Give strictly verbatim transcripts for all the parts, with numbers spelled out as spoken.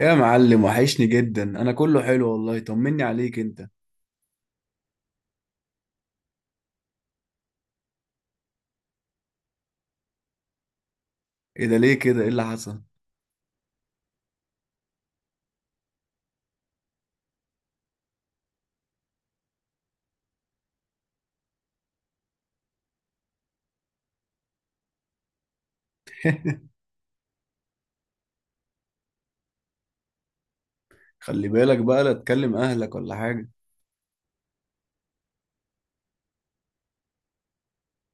يا معلم، وحشني جدا. انا كله حلو والله، طمني عليك انت. ايه ده؟ ليه كده؟ ايه اللي حصل؟ خلي بالك بقى، لا تكلم اهلك ولا حاجه.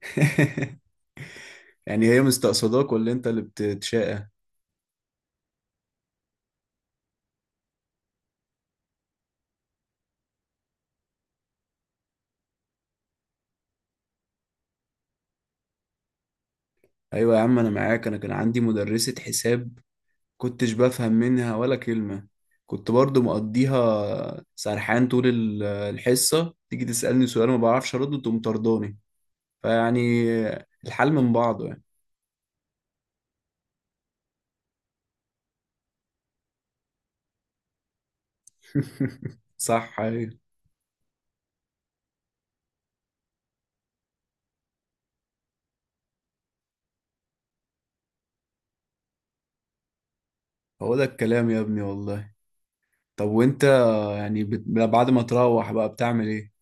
يعني هي مستقصداك ولا انت اللي بتتشاقى؟ ايوه يا عم، انا معاك. انا كان عندي مدرسه حساب، كنتش بفهم منها ولا كلمه. كنت برضو مقضيها سرحان طول ال- الحصه، تيجي تسالني سؤال ما بعرفش ارده، تقوم طرداني. فيعني الحال من بعضه يعني. صح، ايوه. هو ده الكلام يا ابني والله. طب وانت، يعني بت... بعد ما تروح بقى بتعمل ايه؟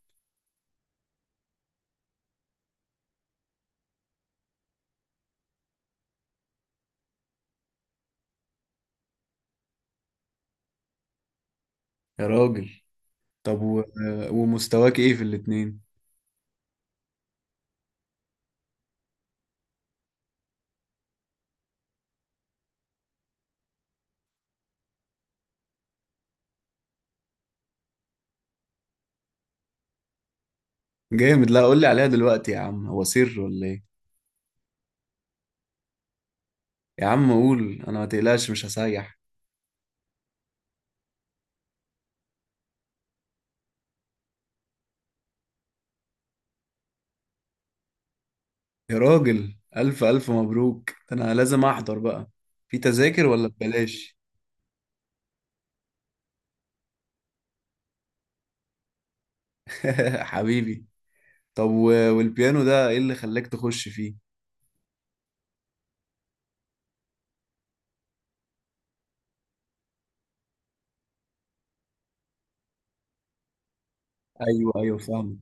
يا راجل. طب و... ومستواك ايه في الاتنين؟ جامد. لا، قول لي عليها دلوقتي يا عم، هو سر ولا ايه؟ يا عم قول، انا ما تقلقش مش هسيح. يا راجل، الف الف مبروك. ده انا لازم احضر بقى. في تذاكر ولا ببلاش؟ حبيبي. طب و... والبيانو ده ايه اللي خلاك تخش فيه؟ ايوه، ايوه فاهم.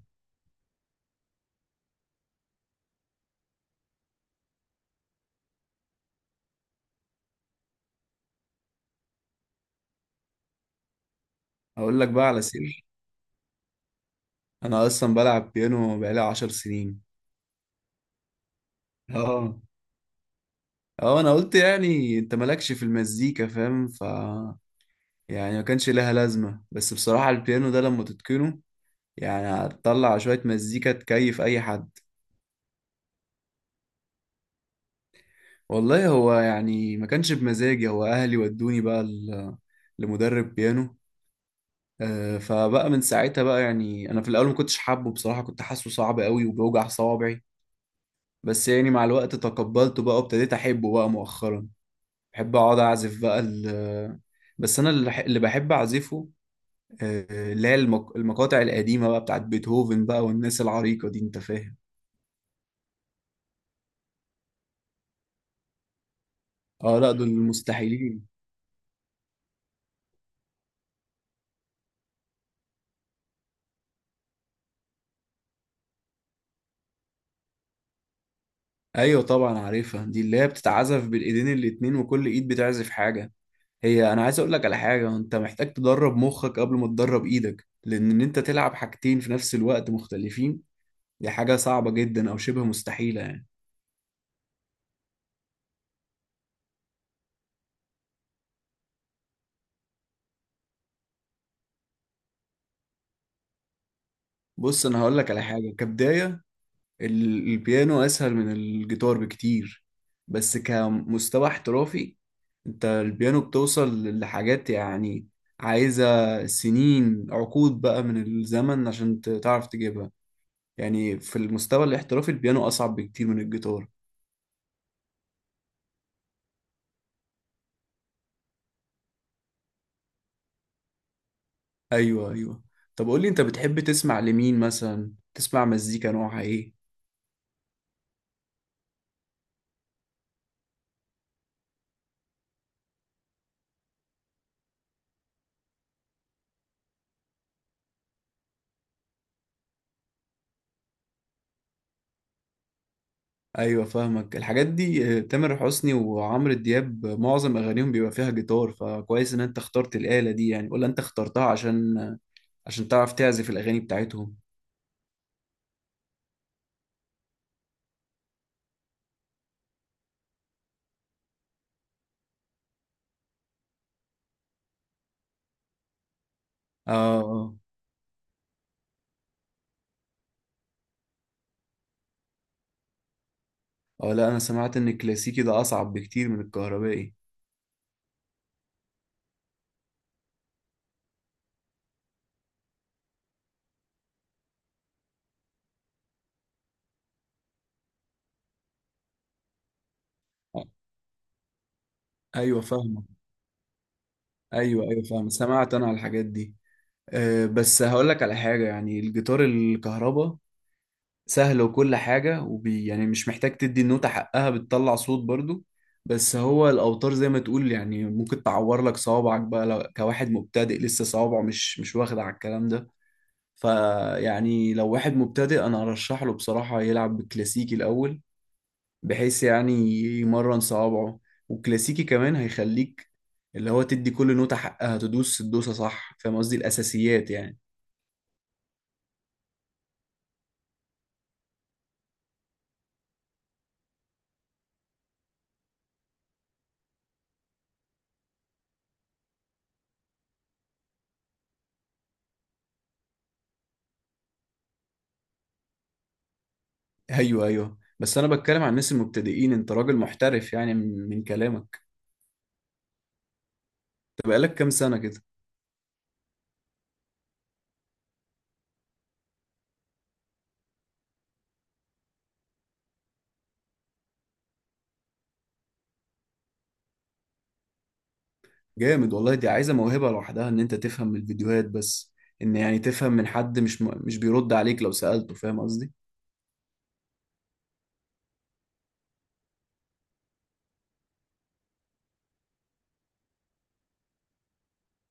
هقول لك بقى على سر، انا اصلا بلعب بيانو بقالي عشر سنين. اه، اه انا قلت يعني انت مالكش في المزيكا، فاهم؟ ف يعني ما كانش لها لازمة. بس بصراحة البيانو ده لما تتقنه، يعني هتطلع شوية مزيكا تكيف اي حد. والله هو يعني ما كانش بمزاجي، هو اهلي ودوني بقى ل- لمدرب بيانو. آه، فبقى من ساعتها بقى. يعني انا في الاول ما كنتش حابه، بصراحة كنت حاسه صعب قوي وبيوجع صوابعي. بس يعني مع الوقت تقبلته بقى، وابتديت احبه بقى مؤخرا. بحب اقعد اعزف بقى ال... بس انا اللي اللي بحب اعزفه، آه، اللي هي المق- المقاطع القديمة بقى بتاعت بيتهوفن بقى والناس العريقة دي، انت فاهم. اه لا، دول المستحيلين. ايوه طبعا عارفها، دي اللي هي بتتعزف بالايدين الاتنين وكل ايد بتعزف حاجة. هي انا عايز اقول لك على حاجة، انت محتاج تدرب مخك قبل ما تدرب ايدك، لان ان انت تلعب حاجتين في نفس الوقت مختلفين. دي حاجة صعبة جدا او شبه مستحيلة يعني. بص، انا هقول لك على حاجة كبداية، ال- البيانو اسهل من الجيتار بكتير. بس كمستوى احترافي، انت البيانو بتوصل لحاجات يعني عايزة سنين، عقود بقى من الزمن عشان ت- تعرف تجيبها. يعني في المستوى الاحترافي البيانو اصعب بكتير من الجيتار. ايوه، ايوه. طب قولي، انت بتحب تسمع لمين مثلا؟ تسمع مزيكا نوعها ايه؟ ايوه فاهمك الحاجات دي، آه، تامر حسني وعمرو دياب، آه، معظم اغانيهم بيبقى فيها جيتار، فكويس ان انت اخترت الآلة دي يعني، ولا انت اخترتها عشان آه، عشان تعرف تعزف الاغاني بتاعتهم؟ اه، اه. اه لا، انا سمعت ان الكلاسيكي ده اصعب بكتير من الكهربائي. آه، ايوه فاهمك. ايوه، ايوه فاهم، سمعت انا على الحاجات دي. آه، بس هقول لك على حاجة، يعني الجيتار الكهرباء سهل وكل حاجة، وبي يعني مش محتاج تدي النوتة حقها بتطلع صوت برضو. بس هو الأوتار زي ما تقول، يعني ممكن تعور لك صوابعك بقى لو كواحد مبتدئ لسه صوابعه مش مش واخد على الكلام ده. فيعني لو واحد مبتدئ، أنا أرشح له بصراحة يلعب بالكلاسيكي الأول، بحيث يعني يمرن صوابعه. والكلاسيكي كمان هيخليك، اللي هو تدي كل نوتة حقها، تدوس الدوسة صح. فاهم قصدي؟ الأساسيات يعني. ايوه، ايوه، بس انا بتكلم عن الناس المبتدئين. انت راجل محترف يعني من من كلامك. طب بقالك كام سنه كده؟ جامد والله، دي عايزه موهبه لوحدها ان انت تفهم من الفيديوهات بس، ان يعني تفهم من حد مش م... مش بيرد عليك لو سالته، فاهم قصدي؟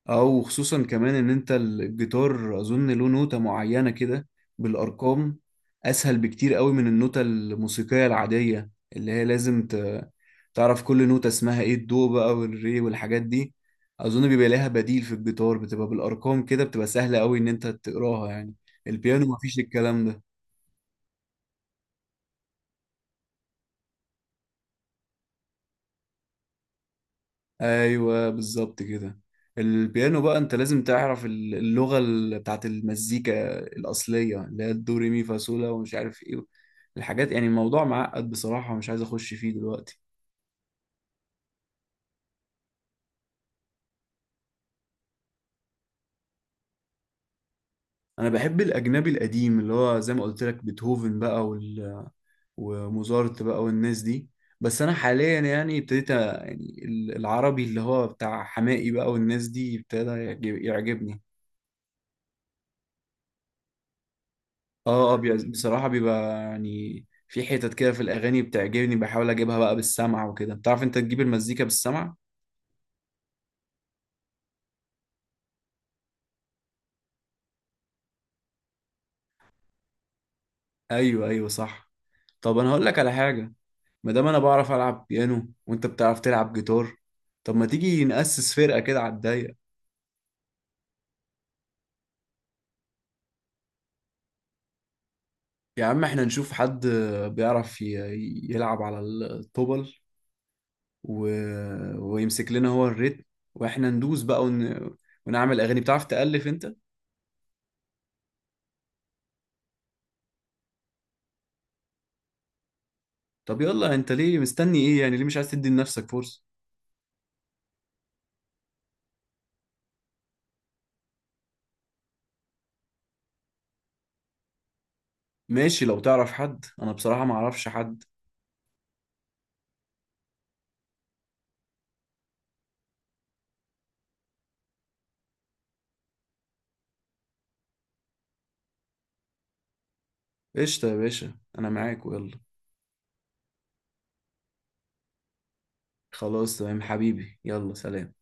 اه، وخصوصا كمان ان انت الجيتار اظن له نوتة معينة كده، بالارقام، اسهل بكتير قوي من النوتة الموسيقية العادية، اللي هي لازم ت... تعرف كل نوتة اسمها ايه، الدو بقى والري والحاجات دي. اظن بيبقى لها بديل في الجيتار بتبقى بالارقام كده، بتبقى سهلة قوي ان انت تقراها يعني. البيانو مفيش الكلام ده. ايوه بالظبط كده. البيانو بقى انت لازم تعرف ال- اللغه ال- بتاعت المزيكا الاصليه اللي هي الدو ري مي فا صول لا ومش عارف ايه الحاجات. يعني الموضوع معقد بصراحه ومش عايز اخش فيه دلوقتي. انا بحب الاجنبي القديم اللي هو زي ما قلت لك، بيتهوفن بقى وال- وموزارت بقى والناس دي. بس انا حاليا يعني ابتديت أ- يعني ال- العربي اللي هو بتاع حماقي بقى والناس دي ابتدى يعجب- يعجبني. اه، اه، بي- بصراحة بيبقى يعني في حتت كده في الأغاني بتعجبني، بحاول أجيبها بقى بالسمع وكده. بتعرف أنت تجيب المزيكا بالسمع؟ أيوه، أيوه صح. طب أنا هقول لك على حاجة، ما دام أنا بعرف ألعب بيانو وأنت بتعرف تلعب جيتار، طب ما تيجي نأسس فرقة كده على الضيق؟ يا عم إحنا نشوف حد بيعرف ي- يلعب على الطبل و... ويمسك لنا هو الريتم، وإحنا ندوس بقى ون... ونعمل أغاني. بتعرف تألف أنت؟ طب يلا، أنت ليه مستني إيه؟ يعني ليه مش عايز تدي لنفسك فرصة؟ ماشي، لو تعرف حد انا بصراحة ما اعرفش حد. قشطة يا باشا، انا معاك ويلا. خلاص تمام حبيبي، يلا سلام.